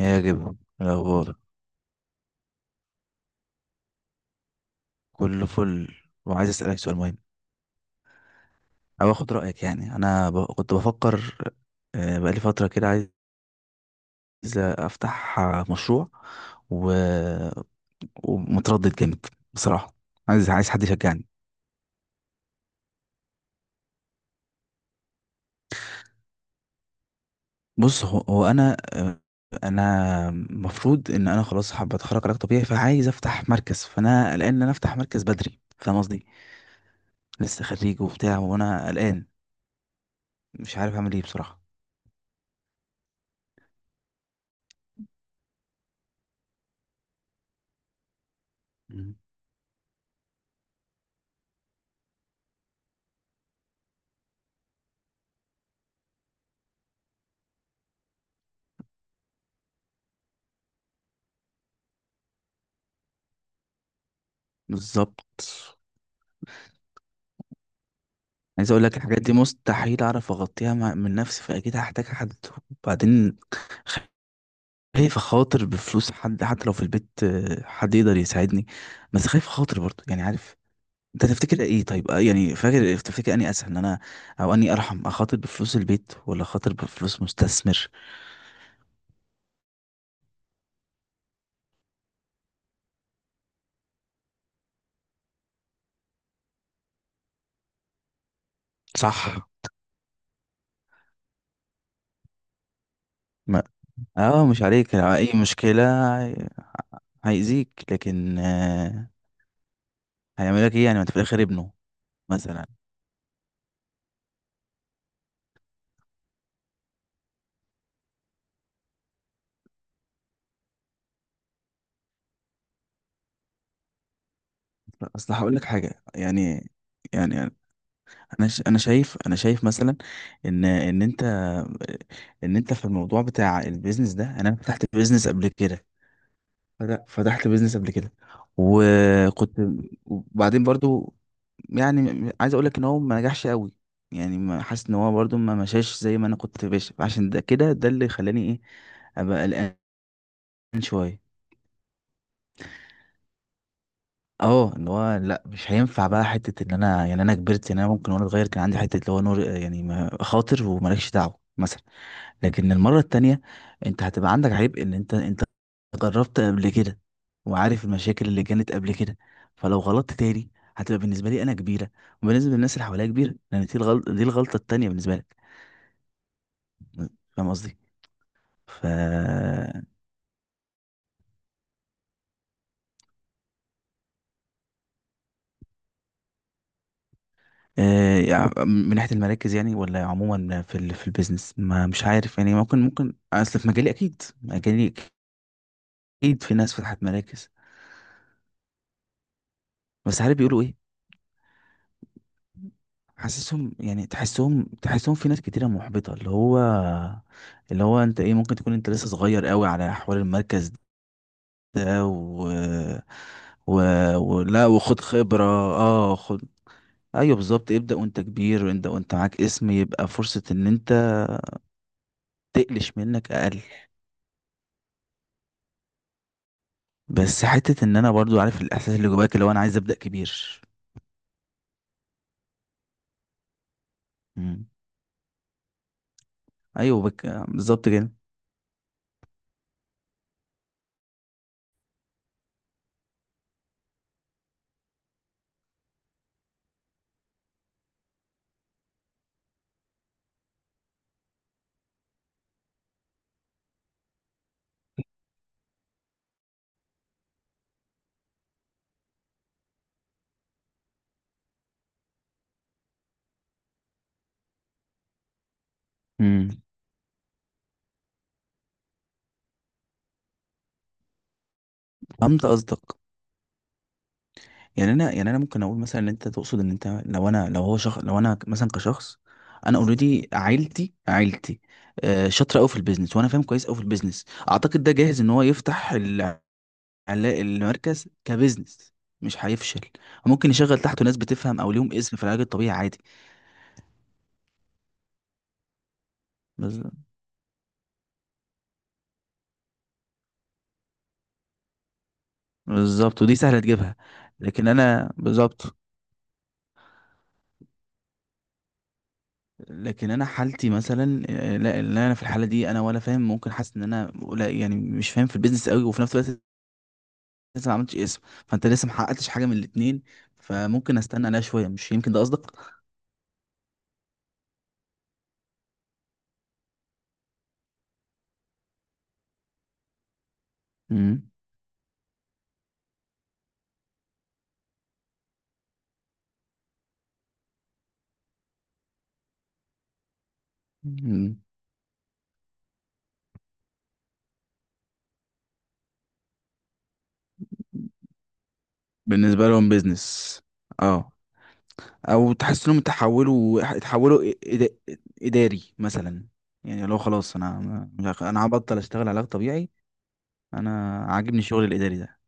يا جب الأخبار. كله فل. وعايز أسألك سؤال مهم أو آخد رأيك. يعني أنا كنت بفكر. بقالي فترة كده عايز أفتح مشروع و... ومتردد جامد بصراحة. عايز حد يشجعني. بص هو أنا، أنا المفروض إن أنا خلاص حابة أتخرج علاج طبيعي، فعايز أفتح مركز. فأنا قلقان إن أنا أفتح مركز بدري، فاهم قصدي. لسه خريج وبتاع وأنا قلقان، مش عارف أعمل إيه بصراحة. مم. بالظبط. عايز اقول لك الحاجات دي مستحيل اعرف اغطيها من نفسي، فاكيد هحتاج حد. وبعدين خايف اخاطر بفلوس حد، حتى لو في البيت حد يقدر يساعدني، بس خايف اخاطر برضه يعني، عارف، انت تفتكر ايه؟ طيب يعني فاكر تفتكر اني اسهل ان انا، او اني ارحم اخاطر بفلوس البيت ولا اخاطر بفلوس مستثمر؟ صح. ما اه، مش عليك لو اي مشكلة هيأذيك، لكن هيعمل لك ايه يعني، ما انت في الاخر ابنه مثلا. اصل هقول لك حاجة يعني. يعني انا انا شايف مثلا ان ان انت في الموضوع بتاع البيزنس ده، انا فتحت بيزنس قبل كده. فتحت بيزنس قبل كده وكنت. وبعدين برضو يعني عايز اقول لك ان هو ما نجحش قوي، يعني ما حاسس ان هو برضو ما مشاش زي ما انا كنت باش، عشان ده كده ده اللي خلاني ايه، ابقى قلقان شويه. اه، اللي هو لا مش هينفع بقى، حته ان انا يعني انا كبرت، يعني انا ممكن وانا صغير كان عندي حته اللي هو نور، يعني خاطر ومالكش دعوه مثلا. لكن المرة التانية انت هتبقى عندك عيب، ان انت جربت قبل كده وعارف المشاكل اللي كانت قبل كده. فلو غلطت تاني هتبقى بالنسبة لي انا كبيرة، وبالنسبة للناس اللي حواليا كبيرة، لان دي الغلطة التانية بالنسبة لك. فاهم قصدي؟ ف يعني من ناحية المراكز يعني، ولا عموما في في البيزنس. ما مش عارف يعني، ممكن اصل في مجالي، اكيد في ناس فتحت مراكز. بس عارف بيقولوا ايه. حاسسهم يعني، تحسهم في ناس كتيرة محبطة، اللي هو انت ايه، ممكن تكون انت لسه صغير قوي على احوال المركز ده و... ولا وخد خبرة. اه خد. ايوه بالظبط، ابدأ وانت كبير، انت وانت معاك اسم يبقى فرصة ان انت تقلش منك اقل. بس حتة ان انا برضو عارف الاحساس اللي جواك، اللي هو انا عايز ابدأ كبير. مم. ايوه بالظبط كده. مم. فهمت قصدك. يعني انا ممكن اقول مثلا ان انت تقصد ان انت لو انا، لو هو شخص، لو انا مثلا كشخص. انا اوريدي عيلتي عيلتي شاطره قوي في البيزنس وانا فاهم كويس قوي في البيزنس، اعتقد ده جاهز ان هو يفتح المركز كبيزنس مش هيفشل. ممكن يشغل تحته ناس بتفهم او ليهم اسم في العلاج الطبيعي عادي. بز- بالظبط ودي سهله تجيبها. لكن انا بالظبط. لكن انا حالتي مثلا لا لا، انا في الحاله دي انا ولا فاهم، ممكن حاسس ان انا يعني مش فاهم في البيزنس قوي، وفي نفس الوقت لسه ما عملتش اسم. فانت لسه ما حققتش حاجه من الاتنين، فممكن استنى عليها شويه، مش يمكن ده قصدك. مم. مم. بالنسبه لهم بيزنس. اه. او تحس انهم اتحولوا اداري مثلا، يعني لو خلاص انا مش عارف- انا هبطل اشتغل علاج طبيعي، انا عاجبني الشغل الاداري ده.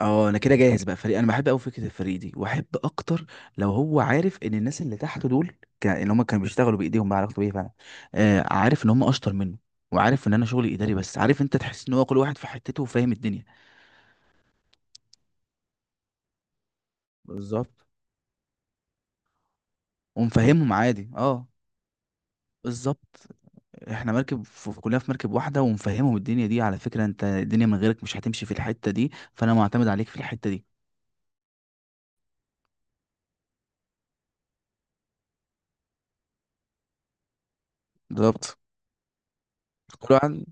اه انا كده جاهز بقى فريق، انا بحب قوي فكره الفريق دي، واحب اكتر لو هو عارف ان الناس اللي تحته دول اللي هم كانوا بيشتغلوا بايديهم بقى، علاقته بيه فعلا. آه، عارف ان هم اشطر منه، وعارف ان انا شغلي اداري، بس عارف انت تحس ان هو كل واحد في حتته وفاهم الدنيا. بالظبط ومفهمهم عادي. اه بالظبط. احنا مركب كلنا في مركب واحده، ومفهمهم الدنيا دي، على فكره انت الدنيا من غيرك مش هتمشي في الحته دي، فانا معتمد عليك في الحته دي. بالظبط. كل واحد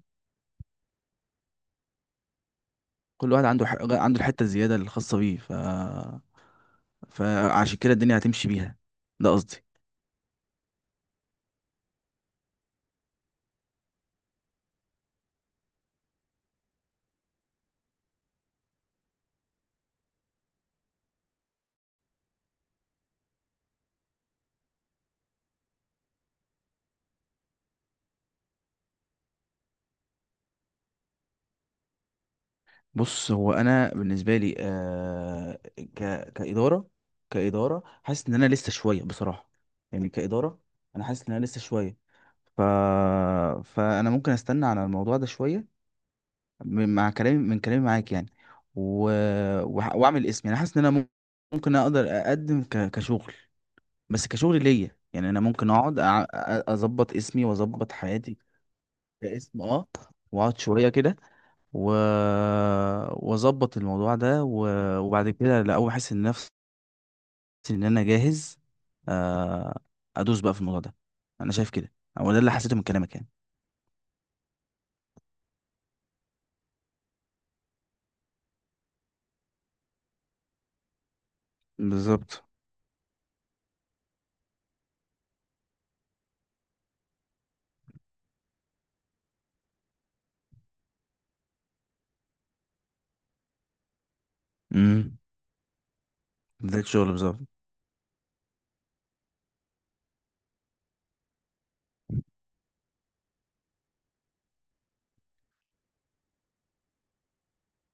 كل واحد عنده عنده الحته الزياده الخاصه بيه، فعشان كده الدنيا هتمشي بيها، ده قصدي. بص هو انا بالنسبه لي، آه ك كاداره كاداره حاسس ان انا لسه شويه بصراحه. يعني كاداره انا حاسس ان انا لسه شويه. ف فانا ممكن استنى على الموضوع ده شويه، مع كلامي من كلامي معاك يعني. و... واعمل اسم، يعني حاسس ان انا ممكن اقدر اقدم كشغل، بس كشغل ليا، يعني انا ممكن اقعد اظبط اسمي واظبط حياتي. كاسم اه. واقعد شويه كده، و واظبط الموضوع ده وبعد كده لأول ما احس ان نفسي ان انا جاهز، آه، ادوس بقى في الموضوع ده. انا شايف كده، هو ده اللي حسيته من كلامك يعني. بالظبط. امم. بداية شغل بالظبط.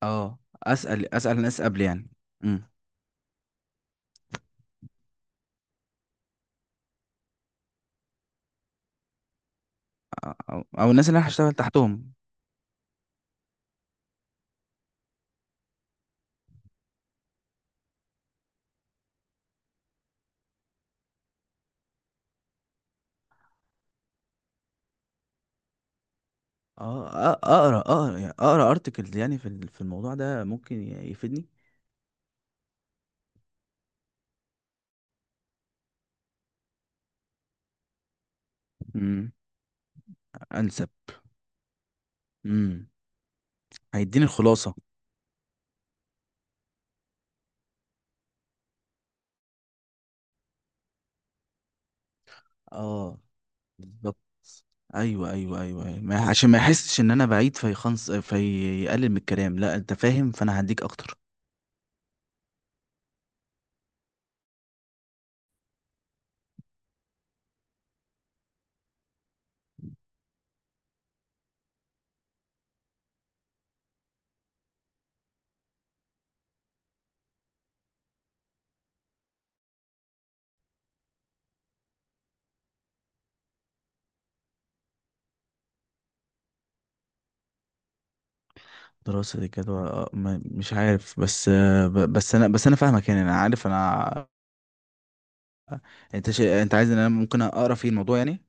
اه. اسال الناس قبل يعني. امم. أو الناس اللي انا هشتغل تحتهم. اه، اقرا يعني، اقرا ارتكلز يعني في في الموضوع ده ممكن يفيدني. امم. انسب. امم. هيديني الخلاصه. اه بالظبط. ايوه ايوه ايوه أيوة. ما عشان ما يحسش ان انا بعيد فيخنص، فيقلل من الكلام، لا انت فاهم، فانا هديك اكتر. دراسة جدوى مش عارف، بس بس انا فاهمك، يعني انا عارف انا. انت انت عايز ان انا ممكن اقرا في الموضوع يعني.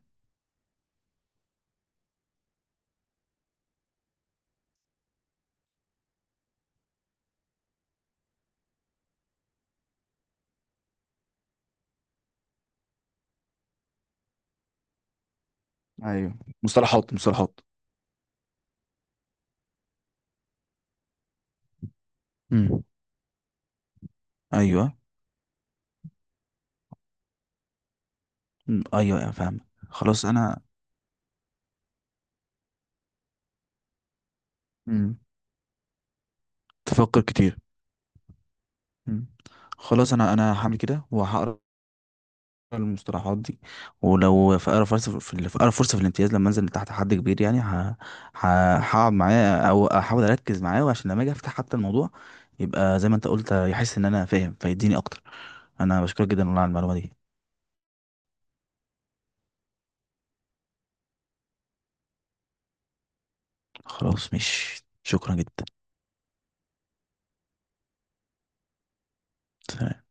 ايوه مصطلحات مصطلحات. امم. ايوه. أمم، ايوه أيوة، فاهم. خلاص انا. امم تفكر كتير. امم. خلاص انا هعمل كده وهقرا المصطلحات دي. ولو في اقرب فرصه في الامتياز، لما انزل تحت حد كبير يعني هقعد معاه او احاول اركز معاه، وعشان لما اجي افتح حتى الموضوع يبقى زي ما انت قلت يحس ان انا فاهم، فيديني اكتر. انا بشكرك جدا والله على المعلومه دي. خلاص مش شكرا جدا. سلام.